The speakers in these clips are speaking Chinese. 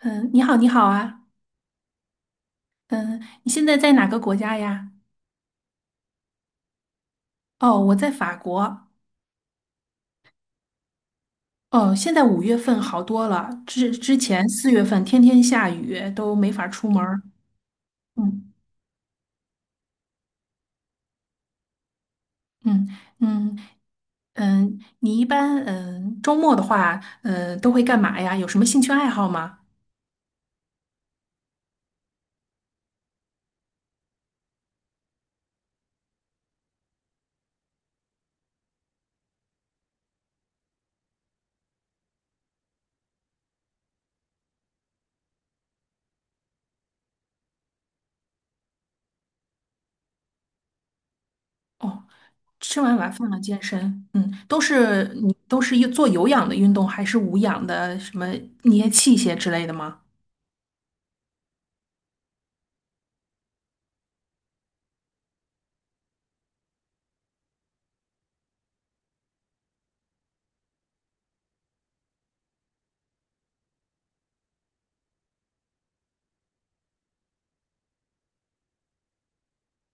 嗯，你好，你好啊。嗯，你现在在哪个国家呀？哦，我在法国。哦，现在5月份好多了，之前4月份天天下雨，都没法出门儿。嗯嗯嗯嗯，你一般周末的话，都会干嘛呀？有什么兴趣爱好吗？哦，吃完晚饭了健身。你都是做有氧的运动，还是无氧的什么捏器械之类的吗？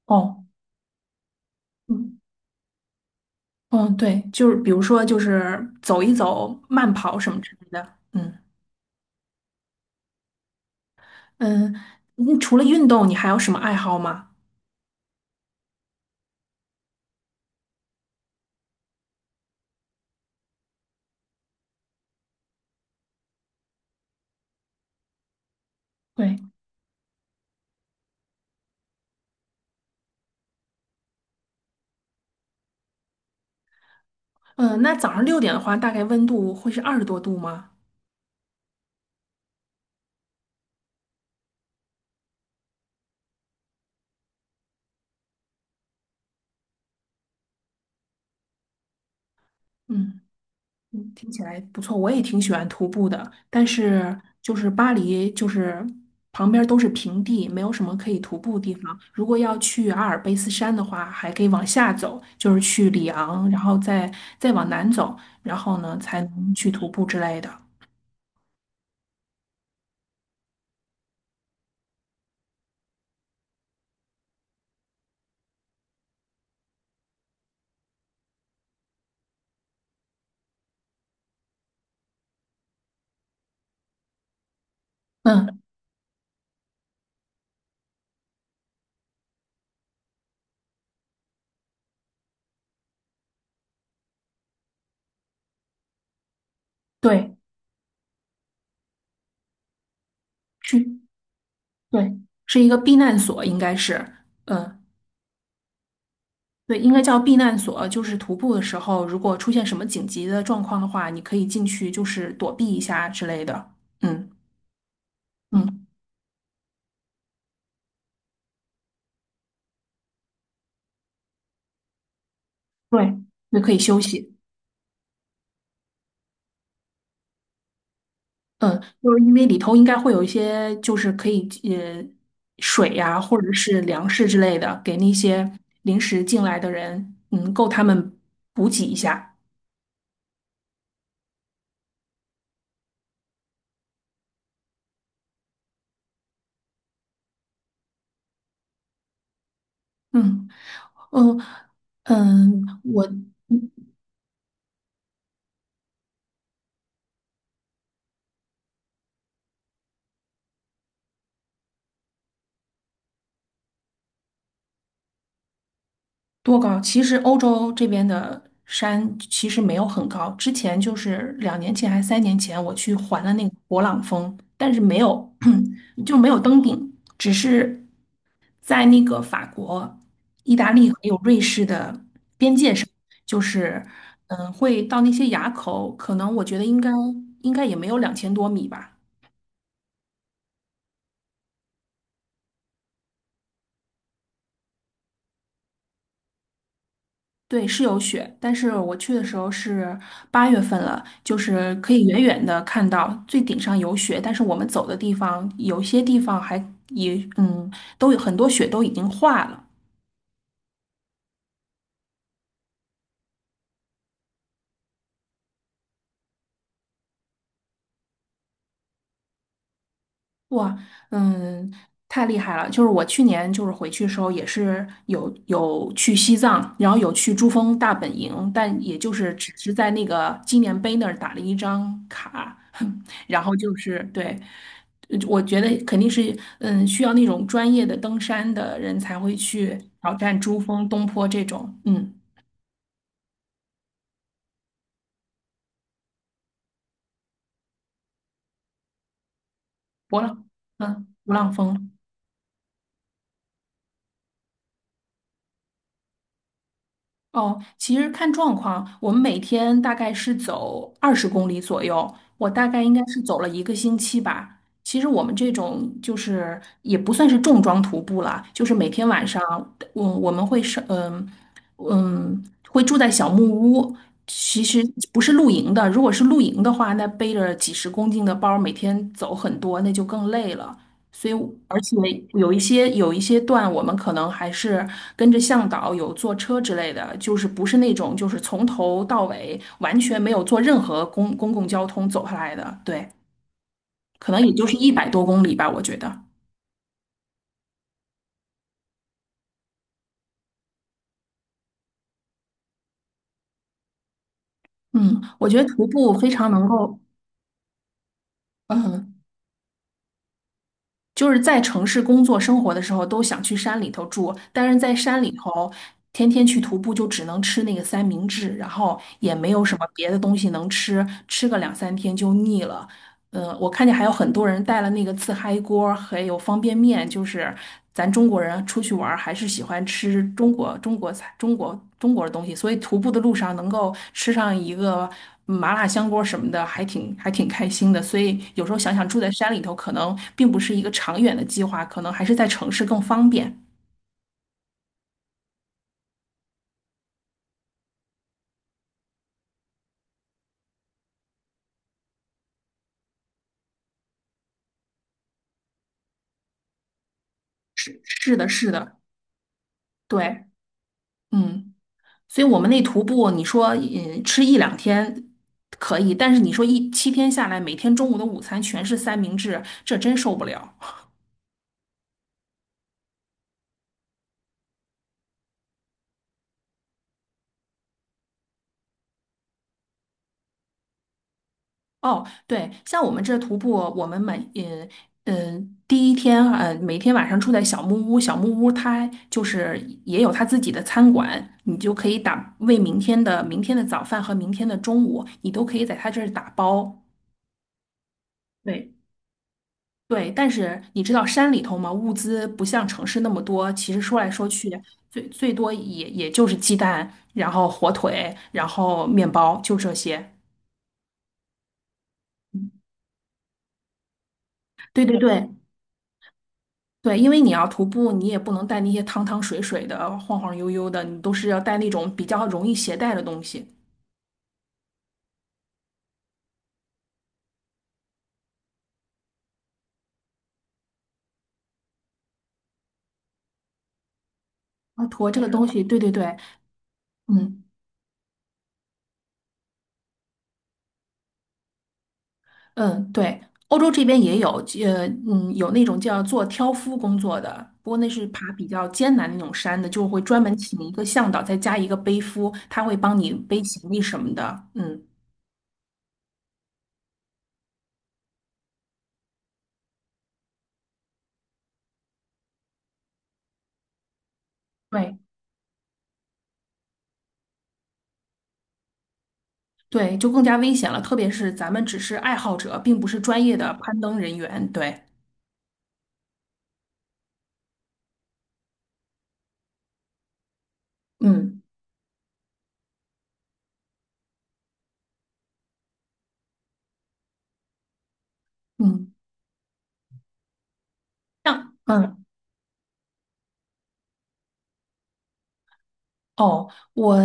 哦。嗯嗯，对，就是比如说，就是走一走、慢跑什么之类的。嗯嗯，你除了运动，你还有什么爱好吗？对，嗯，那早上6点的话，大概温度会是20多度吗？嗯，听起来不错，我也挺喜欢徒步的，但是就是巴黎就是旁边都是平地，没有什么可以徒步的地方。如果要去阿尔卑斯山的话，还可以往下走，就是去里昂，然后再再往南走，然后呢才能去徒步之类的。嗯，对，去对，是一个避难所，应该是，嗯，对，应该叫避难所。就是徒步的时候，如果出现什么紧急的状况的话，你可以进去，就是躲避一下之类的。嗯嗯，对，也可以休息。嗯，就是因为里头应该会有一些，就是可以水呀、或者是粮食之类的，给那些临时进来的人，嗯，够他们补给一下。嗯嗯。嗯，我多高？其实欧洲这边的山其实没有很高。之前就是2年前还是3年前，我去环了那个勃朗峰，但是没有，就没有登顶，只是在那个法国、意大利还有瑞士的，就是会到那些垭口，可能我觉得应该也没有2000多米吧。对，是有雪，但是我去的时候是8月份了，就是可以远远的看到最顶上有雪，但是我们走的地方有些地方还也都有很多雪都已经化了。哇，嗯，太厉害了！就是我去年就是回去的时候，也是有去西藏，然后有去珠峰大本营，但也就是只是在那个纪念碑那儿打了一张卡，然后就是对，我觉得肯定是需要那种专业的登山的人才会去挑战珠峰、东坡这种，勃浪，勃浪峰。哦，其实看状况，我们每天大概是走20公里左右，我大概应该是走了一个星期吧。其实我们这种就是也不算是重装徒步了，就是每天晚上，我们会是会住在小木屋，其实不是露营的。如果是露营的话，那背着几十公斤的包，每天走很多，那就更累了。所以，而且有一些段，我们可能还是跟着向导有坐车之类的，就是不是那种就是从头到尾完全没有坐任何公共交通走下来的，对，可能也就是100多公里吧，我觉得。嗯，我觉得徒步非常能够，嗯，就是在城市工作生活的时候都想去山里头住，但是在山里头天天去徒步就只能吃那个三明治，然后也没有什么别的东西能吃，吃个两三天就腻了。我看见还有很多人带了那个自嗨锅，还有方便面，就是咱中国人出去玩儿还是喜欢吃中国菜、中国的东西，所以徒步的路上能够吃上一个麻辣香锅什么的，还挺开心的。所以有时候想想住在山里头，可能并不是一个长远的计划，可能还是在城市更方便。是是的，是的，对，嗯。所以我们那徒步，你说吃一两天可以，但是你说7天下来，每天中午的午餐全是三明治，这真受不了。哦，对，像我们这徒步，我们每嗯嗯第一天呃每天晚上住在小木屋，小木屋它就是也有它自己的餐馆，你就可以打为明天的早饭和明天的中午，你都可以在它这儿打包。对，对，但是你知道山里头嘛，物资不像城市那么多。其实说来说去，最多也就是鸡蛋，然后火腿，然后面包，就这些。对对对对，因为你要徒步，你也不能带那些汤汤水水的、晃晃悠悠的，你都是要带那种比较容易携带的东西。啊，驮这个东西，对对对，嗯，嗯，对，欧洲这边也有，有那种叫做挑夫工作的，不过那是爬比较艰难的那种山的，就会专门请一个向导，再加一个背夫，他会帮你背行李什么的。嗯，对对，就更加危险了，特别是咱们只是爱好者，并不是专业的攀登人员。对，嗯嗯，像嗯哦，我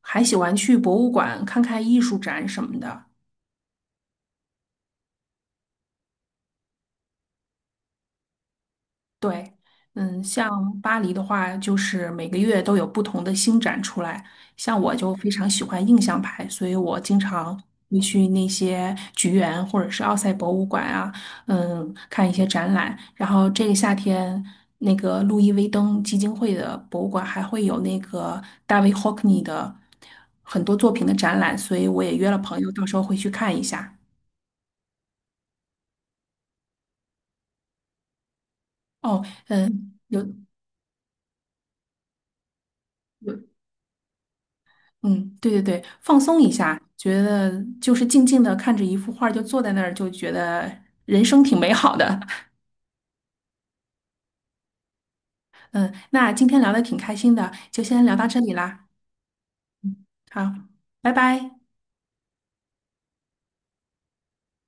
还喜欢去博物馆看看艺术展什么的。对，像巴黎的话，就是每个月都有不同的新展出来。像我就非常喜欢印象派，所以我经常会去那些橘园或者是奥赛博物馆啊，嗯，看一些展览。然后这个夏天，那个路易威登基金会的博物馆还会有那个大卫霍克尼的很多作品的展览，所以我也约了朋友，到时候会去看一下。哦，嗯，有有。嗯，对对对，放松一下，觉得就是静静的看着一幅画儿就坐在那儿，就觉得人生挺美好的。嗯，那今天聊的挺开心的，就先聊到这里啦。好，拜拜。